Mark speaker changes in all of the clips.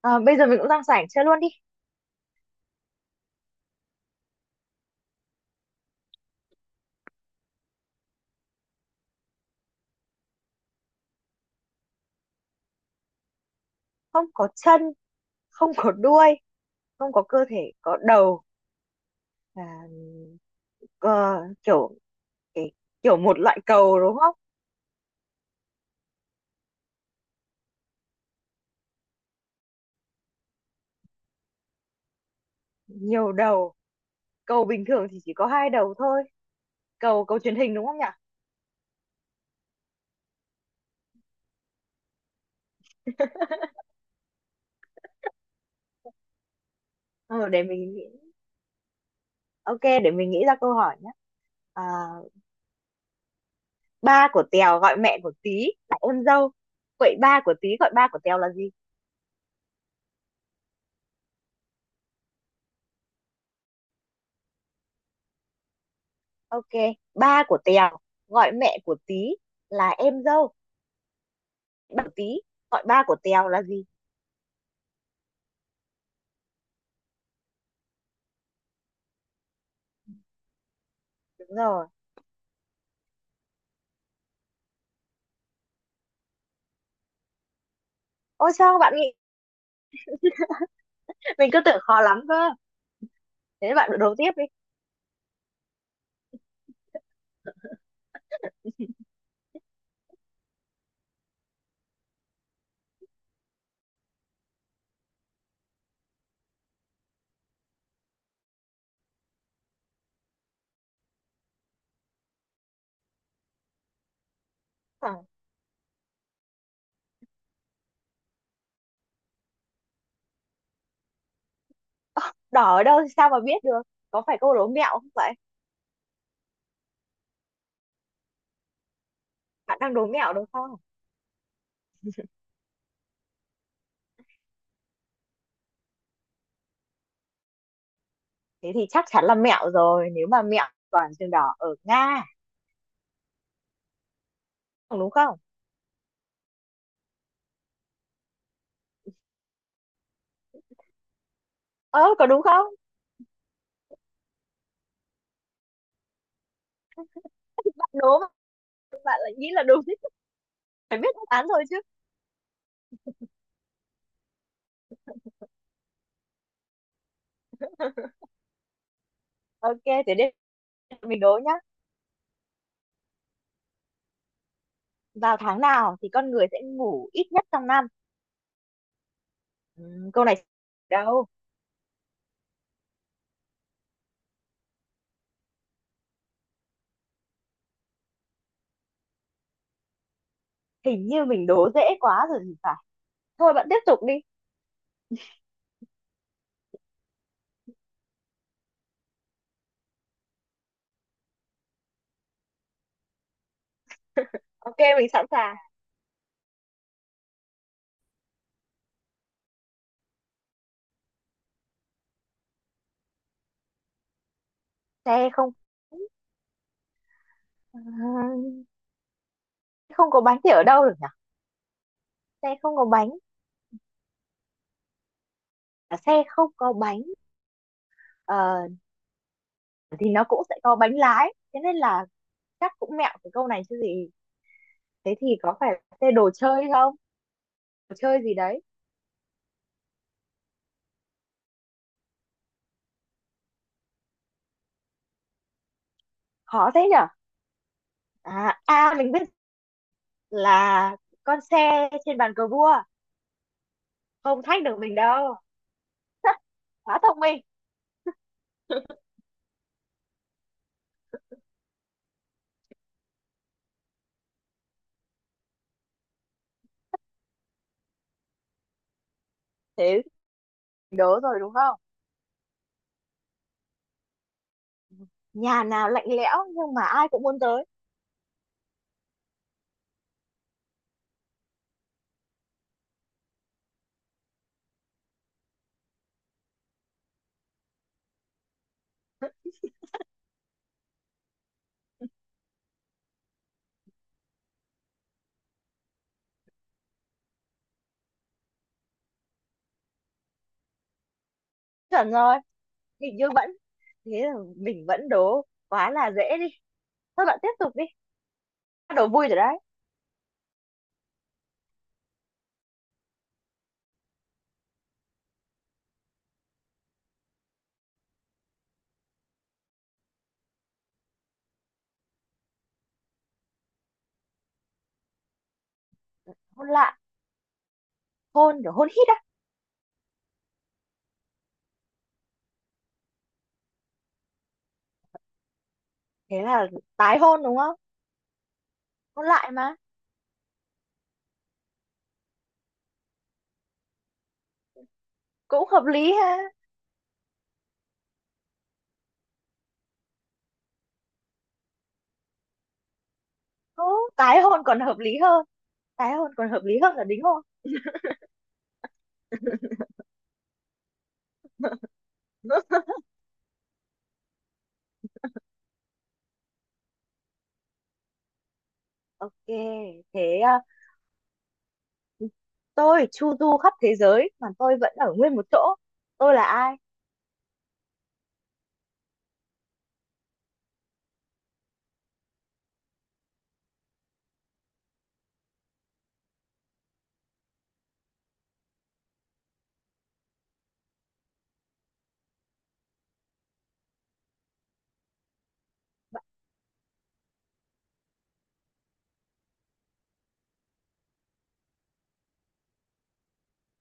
Speaker 1: Ờ, bây giờ mình cũng đang rảnh chơi luôn đi. Không có chân, không có đuôi, không có cơ thể, có đầu. À, ờ, kiểu cái kiểu một loại cầu đúng không? Nhiều đầu. Cầu bình thường thì chỉ có hai đầu thôi. Cầu cầu truyền hình đúng không nhỉ? Ờ, để mình nghĩ. Ok, để mình nghĩ ra câu hỏi nhé. À, ba của Tèo gọi mẹ của Tí là em dâu. Vậy ba của Tí gọi ba của Tèo là gì? Ok, ba của Tèo gọi mẹ của Tí là em dâu. Bảo Tí gọi ba của Tèo là gì? Đúng rồi. Ôi sao bạn nghĩ, mình cứ tưởng khó lắm cơ. Thế bạn đố tiếp đi. à, Đỏ ở đâu thì sao mà biết được? Có phải câu đố mẹo không vậy? Bạn đang đố mẹo đúng không? Thế thì chắc chắn là mẹo rồi. Nếu mà mẹo, toàn trường đỏ ở Nga đúng không? Ơ, có đúng không? Bạn đố mà bạn lại nghĩ là đúng, phải biết đáp án rồi chứ. Ok, thế đây, mình đố nhá. Vào tháng nào thì con người sẽ ngủ ít nhất trong năm? Câu này đâu, hình như mình đố dễ quá rồi thì phải. Thôi bạn tiếp tục đi. Ok, mình sẵn sàng. Xe không, à, không có bánh thì ở đâu được nhỉ? Xe không có bánh, à, xe không có bánh ờ, thì nó cũng sẽ có bánh lái. Thế nên là chắc cũng mẹo cái câu này chứ gì. Thế thì có phải xe đồ chơi không? Đồ chơi gì đấy? Khó thế nhỉ? À, à mình biết là con xe trên bàn cờ vua, không thách được mình đâu. Quá thông minh. Thế đố rồi đúng không? Nhà nào lạnh lẽo nhưng mà ai cũng muốn tới. Chuẩn rồi. Hình như vẫn, thế là mình vẫn đố quá là dễ đi. Thôi bạn tiếp tục đi, bắt đầu vui rồi đấy. Hôn lại, hôn kiểu hôn hít á. Thế là tái hôn đúng không? Hôn lại mà. Cũng hợp lý ha. Ồ, tái hôn còn hợp lý hơn, tái hôn còn hợp lý hơn là đính hôn. Ok, thế à, tôi chu du khắp thế giới mà tôi vẫn ở nguyên một chỗ, tôi là ai?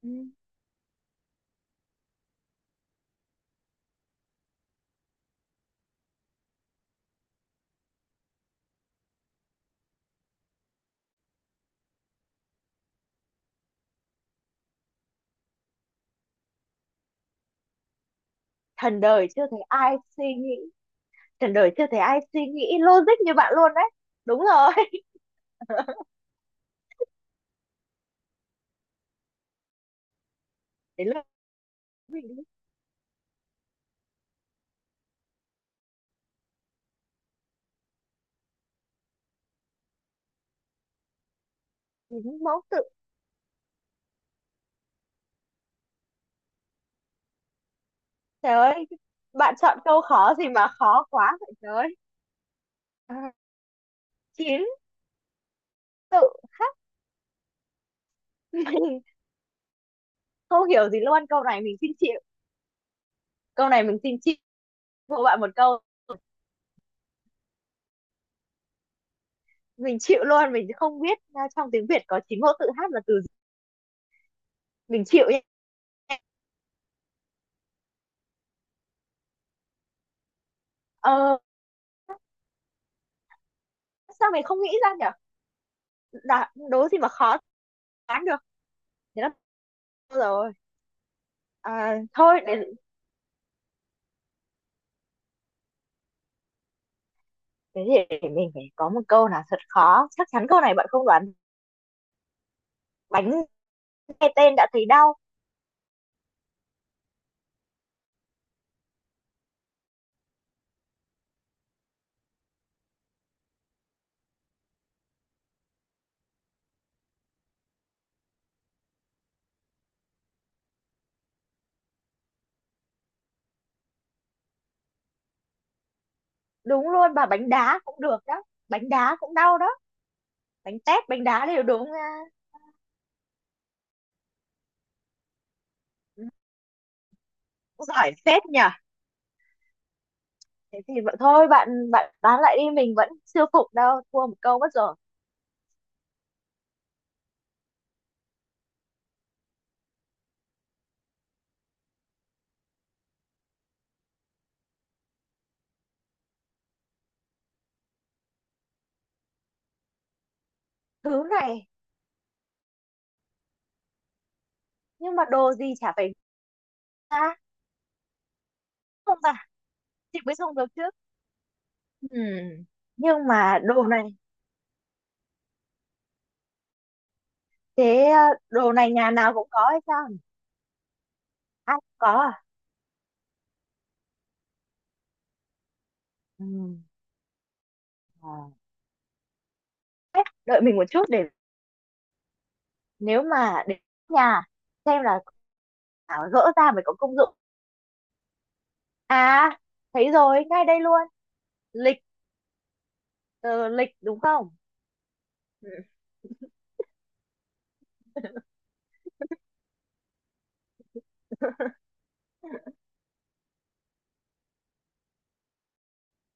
Speaker 1: Ừ, thần đời chưa thấy ai suy nghĩ, thần đời chưa thấy ai suy nghĩ logic như bạn luôn đấy. Đúng rồi. Đến lượt mình đi. Những mẫu tự. Trời ơi, bạn chọn câu khó gì mà khó quá vậy trời ơi. À, chín tự khắc. Mình không hiểu gì luôn. Câu này mình xin chịu. Câu này mình xin chịu của bạn một câu. Mình chịu luôn, mình không biết à, trong tiếng Việt có chín mẫu tự hát là từ gì. Mình chịu nhé. Ờ, sao mình không nghĩ ra nhỉ? Đã, đố gì mà khó đoán được. Thế là bao rồi. À, thôi, để, thế thì để mình phải có một câu nào thật khó. Chắc chắn câu này bạn không đoán. Bánh nghe tên đã thấy đau. Đúng luôn, bà, bánh đá cũng được đó. Bánh đá cũng đau đó. Bánh tét bánh đá đều đúng. Cũng giỏi phết nhỉ. Thế thì vậy thôi bạn bạn bán lại đi, mình vẫn chưa phục đâu, thua một câu mất rồi. Thứ này, nhưng mà đồ gì chả phải ra không ta? Chị mới dùng được trước. Ừm, nhưng mà đồ này, thế à, đồ này nhà nào cũng có hay sao nhỉ? Ai cũng có à? Ừm, à, Thế, đợi mình một chút để, nếu mà đến nhà xem là thảo gỡ ra mới có công dụng. À, thấy rồi, ngay đây luôn. Lịch, ờ, lịch đúng không? Ừ.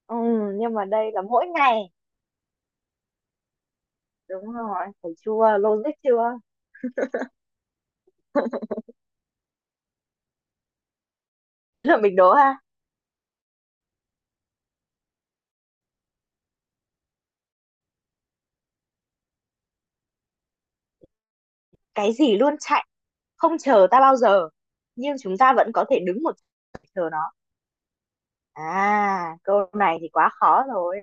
Speaker 1: Ừ, nhưng mà đây là mỗi ngày. Đúng rồi, thấy chưa, logic chưa? Thế. Là mình đố ha. Cái gì luôn chạy, không chờ ta bao giờ. Nhưng chúng ta vẫn có thể đứng một chỗ chờ nó. À, câu này thì quá khó rồi.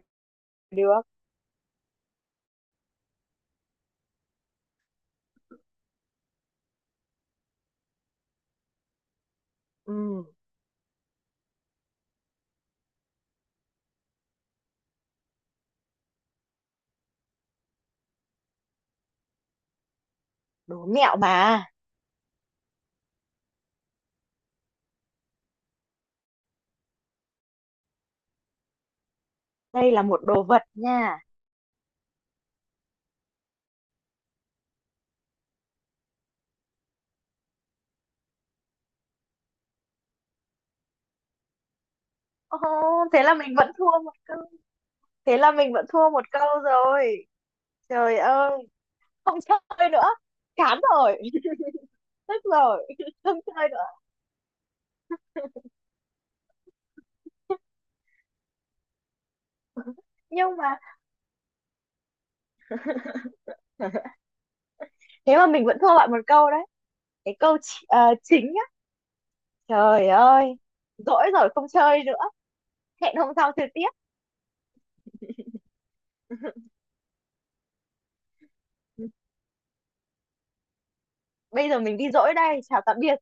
Speaker 1: Được. Ừ, đố mẹo mà. Đây là một đồ vật nha. Ồ, thế là mình vẫn thua một câu. Thế là mình vẫn thua một câu rồi. Trời ơi. Không chơi nữa, chán rồi. Tức rồi. Không chơi nữa. Nhưng mà thế mà mình vẫn thua bạn một câu đấy, cái câu chính á. Trời ơi, dỗi rồi, không chơi nữa, hẹn hôm sau chơi tiếp. Bây giờ mình đi dỗi đây, chào tạm biệt.